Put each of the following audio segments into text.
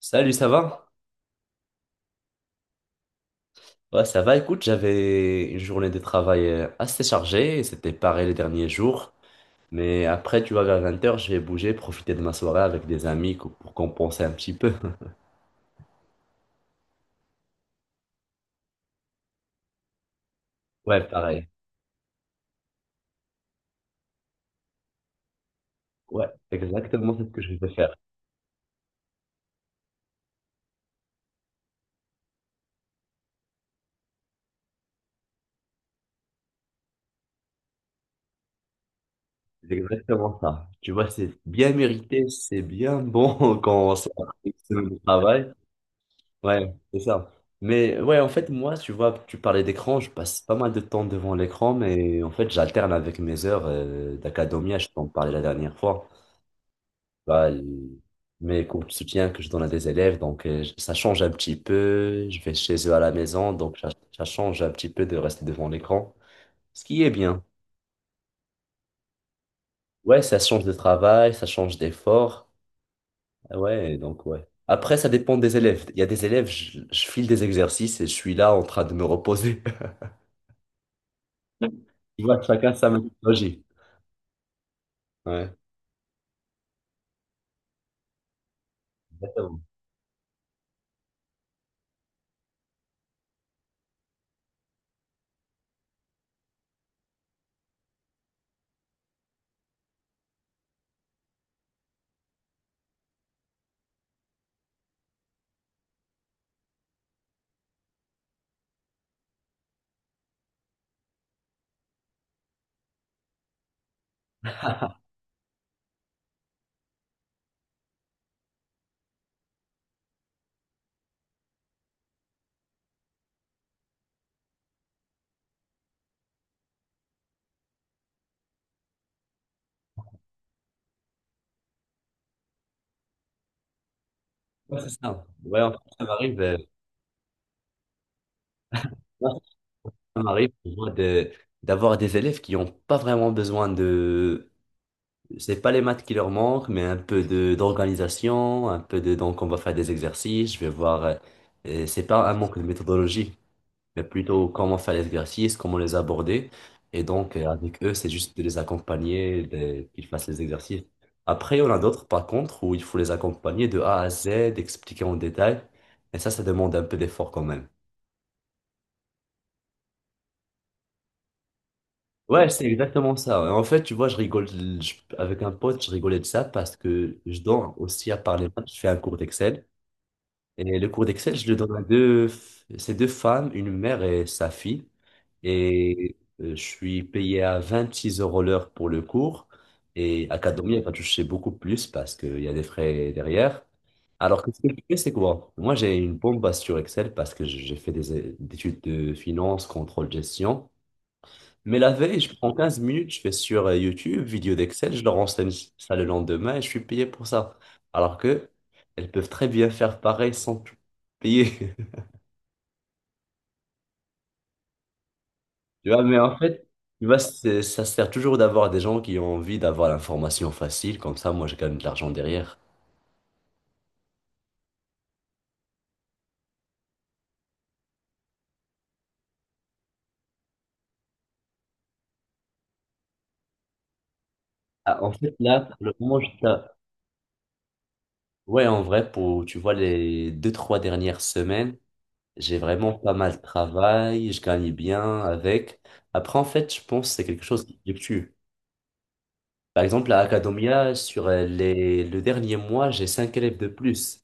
Salut, ça va? Ouais, ça va. Écoute, j'avais une journée de travail assez chargée. C'était pareil les derniers jours. Mais après, tu vois, vers 20 heures, je vais bouger, profiter de ma soirée avec des amis pour compenser un petit peu. Ouais, pareil. Ouais, exactement, c'est ce que je vais faire. C'est exactement ça. Tu vois, c'est bien mérité, c'est bien bon quand on sort une semaine de travail. Ouais, c'est ça. Mais ouais, en fait, moi, tu vois, tu parlais d'écran, je passe pas mal de temps devant l'écran, mais en fait, j'alterne avec mes heures d'académia, je t'en parlais la dernière fois. Bah, mes cours de soutien que je donne à des élèves, donc ça change un petit peu, je vais chez eux à la maison, donc ça change un petit peu de rester devant l'écran, ce qui est bien. Ouais, ça change de travail, ça change d'effort. Ah ouais, donc ouais. Après, ça dépend des élèves. Il y a des élèves, je file des exercices et je suis là en train de me reposer. Tu vois, que chacun sa méthodologie. Ouais, exactement. Ouais, c'est ça. Ouais, en fait, ça m'arrive, moi, ça m'arrive moi, d'avoir des élèves qui n'ont pas vraiment besoin de. C'est pas les maths qui leur manquent, mais un peu de d'organisation, un peu de. Donc, on va faire des exercices, je vais voir. C'est pas un manque de méthodologie, mais plutôt comment faire l'exercice, comment les aborder. Et donc, avec eux, c'est juste de les accompagner, qu'ils fassent les exercices. Après, on a d'autres, par contre, où il faut les accompagner de A à Z, expliquer en détail. Et ça demande un peu d'effort quand même. Ouais, c'est exactement ça. En fait, tu vois, je rigole, avec un pote, je rigolais de ça parce que je donne aussi, à part les maths, je fais un cours d'Excel. Et le cours d'Excel, je le donne à deux, c'est deux femmes, une mère et sa fille. Et je suis payé à 26 € l'heure pour le cours. Et Academy, elle va toucher beaucoup plus parce qu'il y a des frais derrière. Alors que ce que je fais, c'est quoi? Moi, j'ai une bombe base sur Excel parce que j'ai fait des études de finance, contrôle, gestion. Mais la veille, je prends 15 minutes, je vais sur YouTube, vidéo d'Excel, je leur enseigne ça le lendemain et je suis payé pour ça. Alors que elles peuvent très bien faire pareil sans tout payer. Tu vois, mais en fait, tu vois, ça sert toujours d'avoir des gens qui ont envie d'avoir l'information facile, comme ça, moi, je gagne de l'argent derrière. Ah, en fait, là, pour le moment, ouais, en vrai, pour, tu vois, les deux, trois dernières semaines, j'ai vraiment pas mal de travail, je gagne bien avec. Après, en fait, je pense que c'est quelque chose qui fluctue. Par exemple, à Academia, sur le dernier mois, j'ai 5 élèves de plus.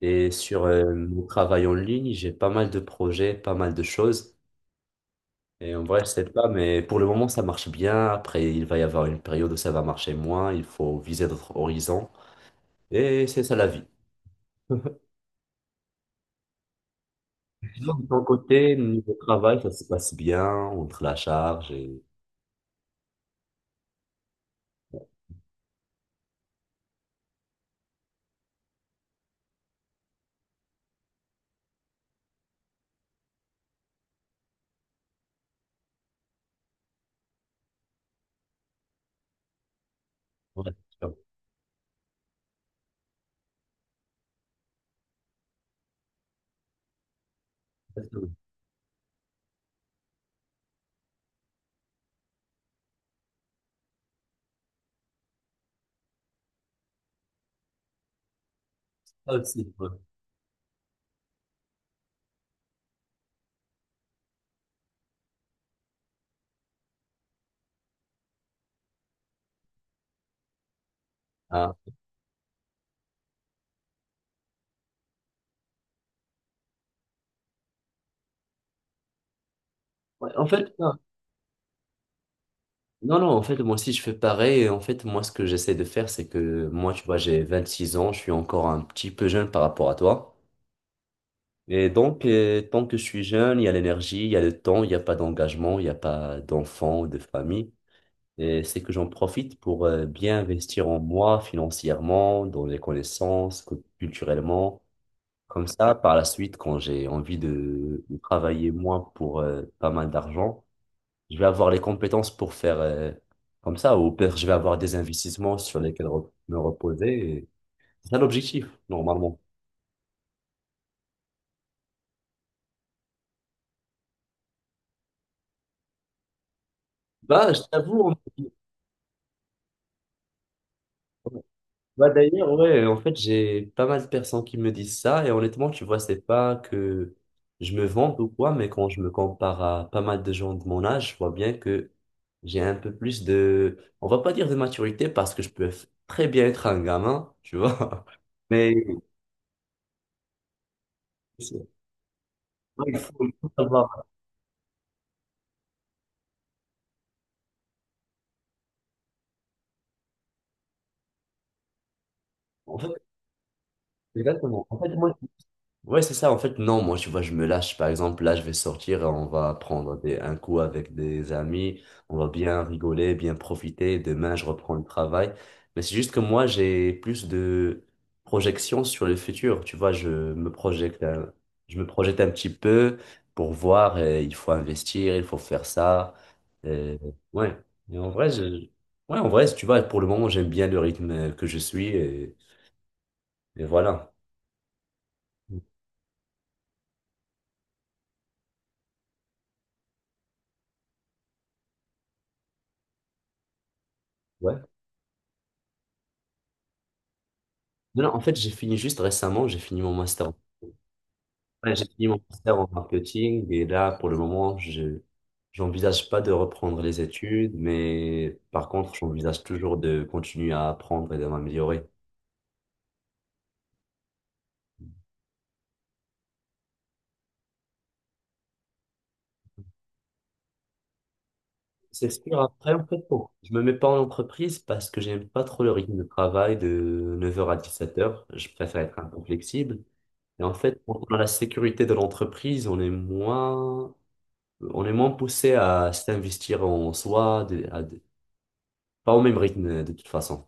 Et sur mon travail en ligne, j'ai pas mal de projets, pas mal de choses. Et en vrai, je sais pas, mais pour le moment, ça marche bien. Après, il va y avoir une période où ça va marcher moins. Il faut viser d'autres horizons. Et c'est ça la vie. Sinon, de ton côté, niveau travail, ça se passe bien entre la charge et... Ouais, ça aussi, ouais. Ah. Ouais, en fait, ça, non, non, en fait, moi aussi, je fais pareil. Et en fait, moi, ce que j'essaie de faire, c'est que moi, tu vois, j'ai 26 ans, je suis encore un petit peu jeune par rapport à toi. Et donc, tant que je suis jeune, il y a l'énergie, il y a le temps, il n'y a pas d'engagement, il n'y a pas d'enfants ou de famille. Et c'est que j'en profite pour bien investir en moi financièrement, dans les connaissances, culturellement. Comme ça, par la suite, quand j'ai envie de travailler moins pour pas mal d'argent, je vais avoir les compétences pour faire comme ça, ou peut-être je vais avoir des investissements sur lesquels me reposer. Et c'est ça l'objectif, normalement. Bah, je t'avoue, bah d'ailleurs, ouais, en fait, j'ai pas mal de personnes qui me disent ça, et honnêtement, tu vois, c'est pas que je me vante ou quoi, mais quand je me compare à pas mal de gens de mon âge, je vois bien que j'ai un peu plus de, on va pas dire de maturité, parce que je peux très bien être un gamin, tu vois, mais c'est- ouais, il faut savoir. En fait, exactement. En fait, moi, ouais, c'est ça. En fait, non, moi, tu vois, je me lâche. Par exemple, là, je vais sortir on va prendre des, un coup avec des amis. On va bien rigoler, bien profiter. Demain, je reprends le travail. Mais c'est juste que moi, j'ai plus de projections sur le futur. Tu vois, je me projette un petit peu pour voir. Il faut investir, il faut faire ça. Euh, ouais. mais en vrai, je- ouais, en vrai, tu vois, pour le moment, j'aime bien le rythme que je suis. Et voilà. Ouais. Non, non, en fait, j'ai fini juste récemment, j'ai fini mon master. Ouais, j'ai fini mon master en marketing et là, pour le moment, je j'envisage pas de reprendre les études, mais par contre, j'envisage toujours de continuer à apprendre et de m'améliorer. C'est sûr, après, en fait, bon, je me mets pas en entreprise parce que j'aime pas trop le rythme de travail de 9 heures à 17 heures. Je préfère être un peu flexible. Et en fait, quand on a la sécurité de l'entreprise, on est moins poussé à s'investir en soi, pas au même rythme, de toute façon.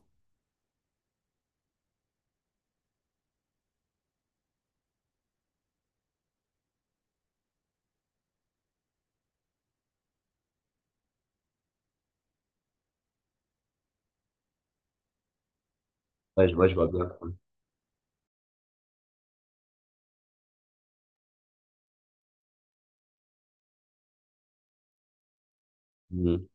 Ouais, je vois bien. Mhm,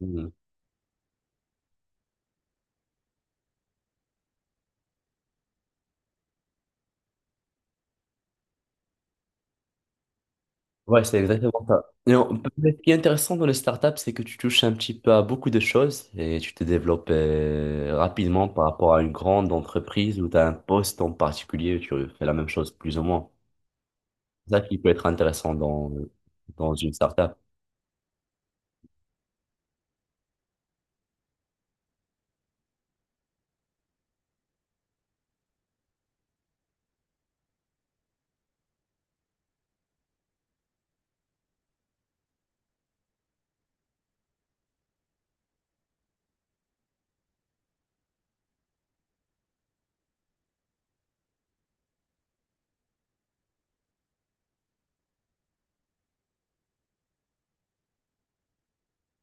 mhm. Ouais, c'est exactement ça. Et mais ce qui est intéressant dans les startups, c'est que tu touches un petit peu à beaucoup de choses et tu te développes rapidement par rapport à une grande entreprise où tu as un poste en particulier, tu fais la même chose plus ou moins. C'est ça qui peut être intéressant dans, dans une startup.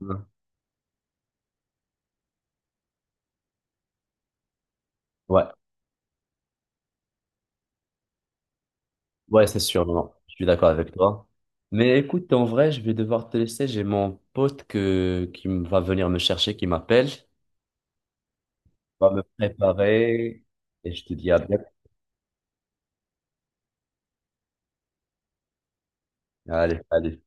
Ouais, ouais, ouais, c'est sûr, non, non, je suis d'accord avec toi. Mais écoute, en vrai, je vais devoir te laisser. J'ai mon pote qui va venir me chercher, qui m'appelle. On va me préparer et je te dis à bientôt. Allez, allez.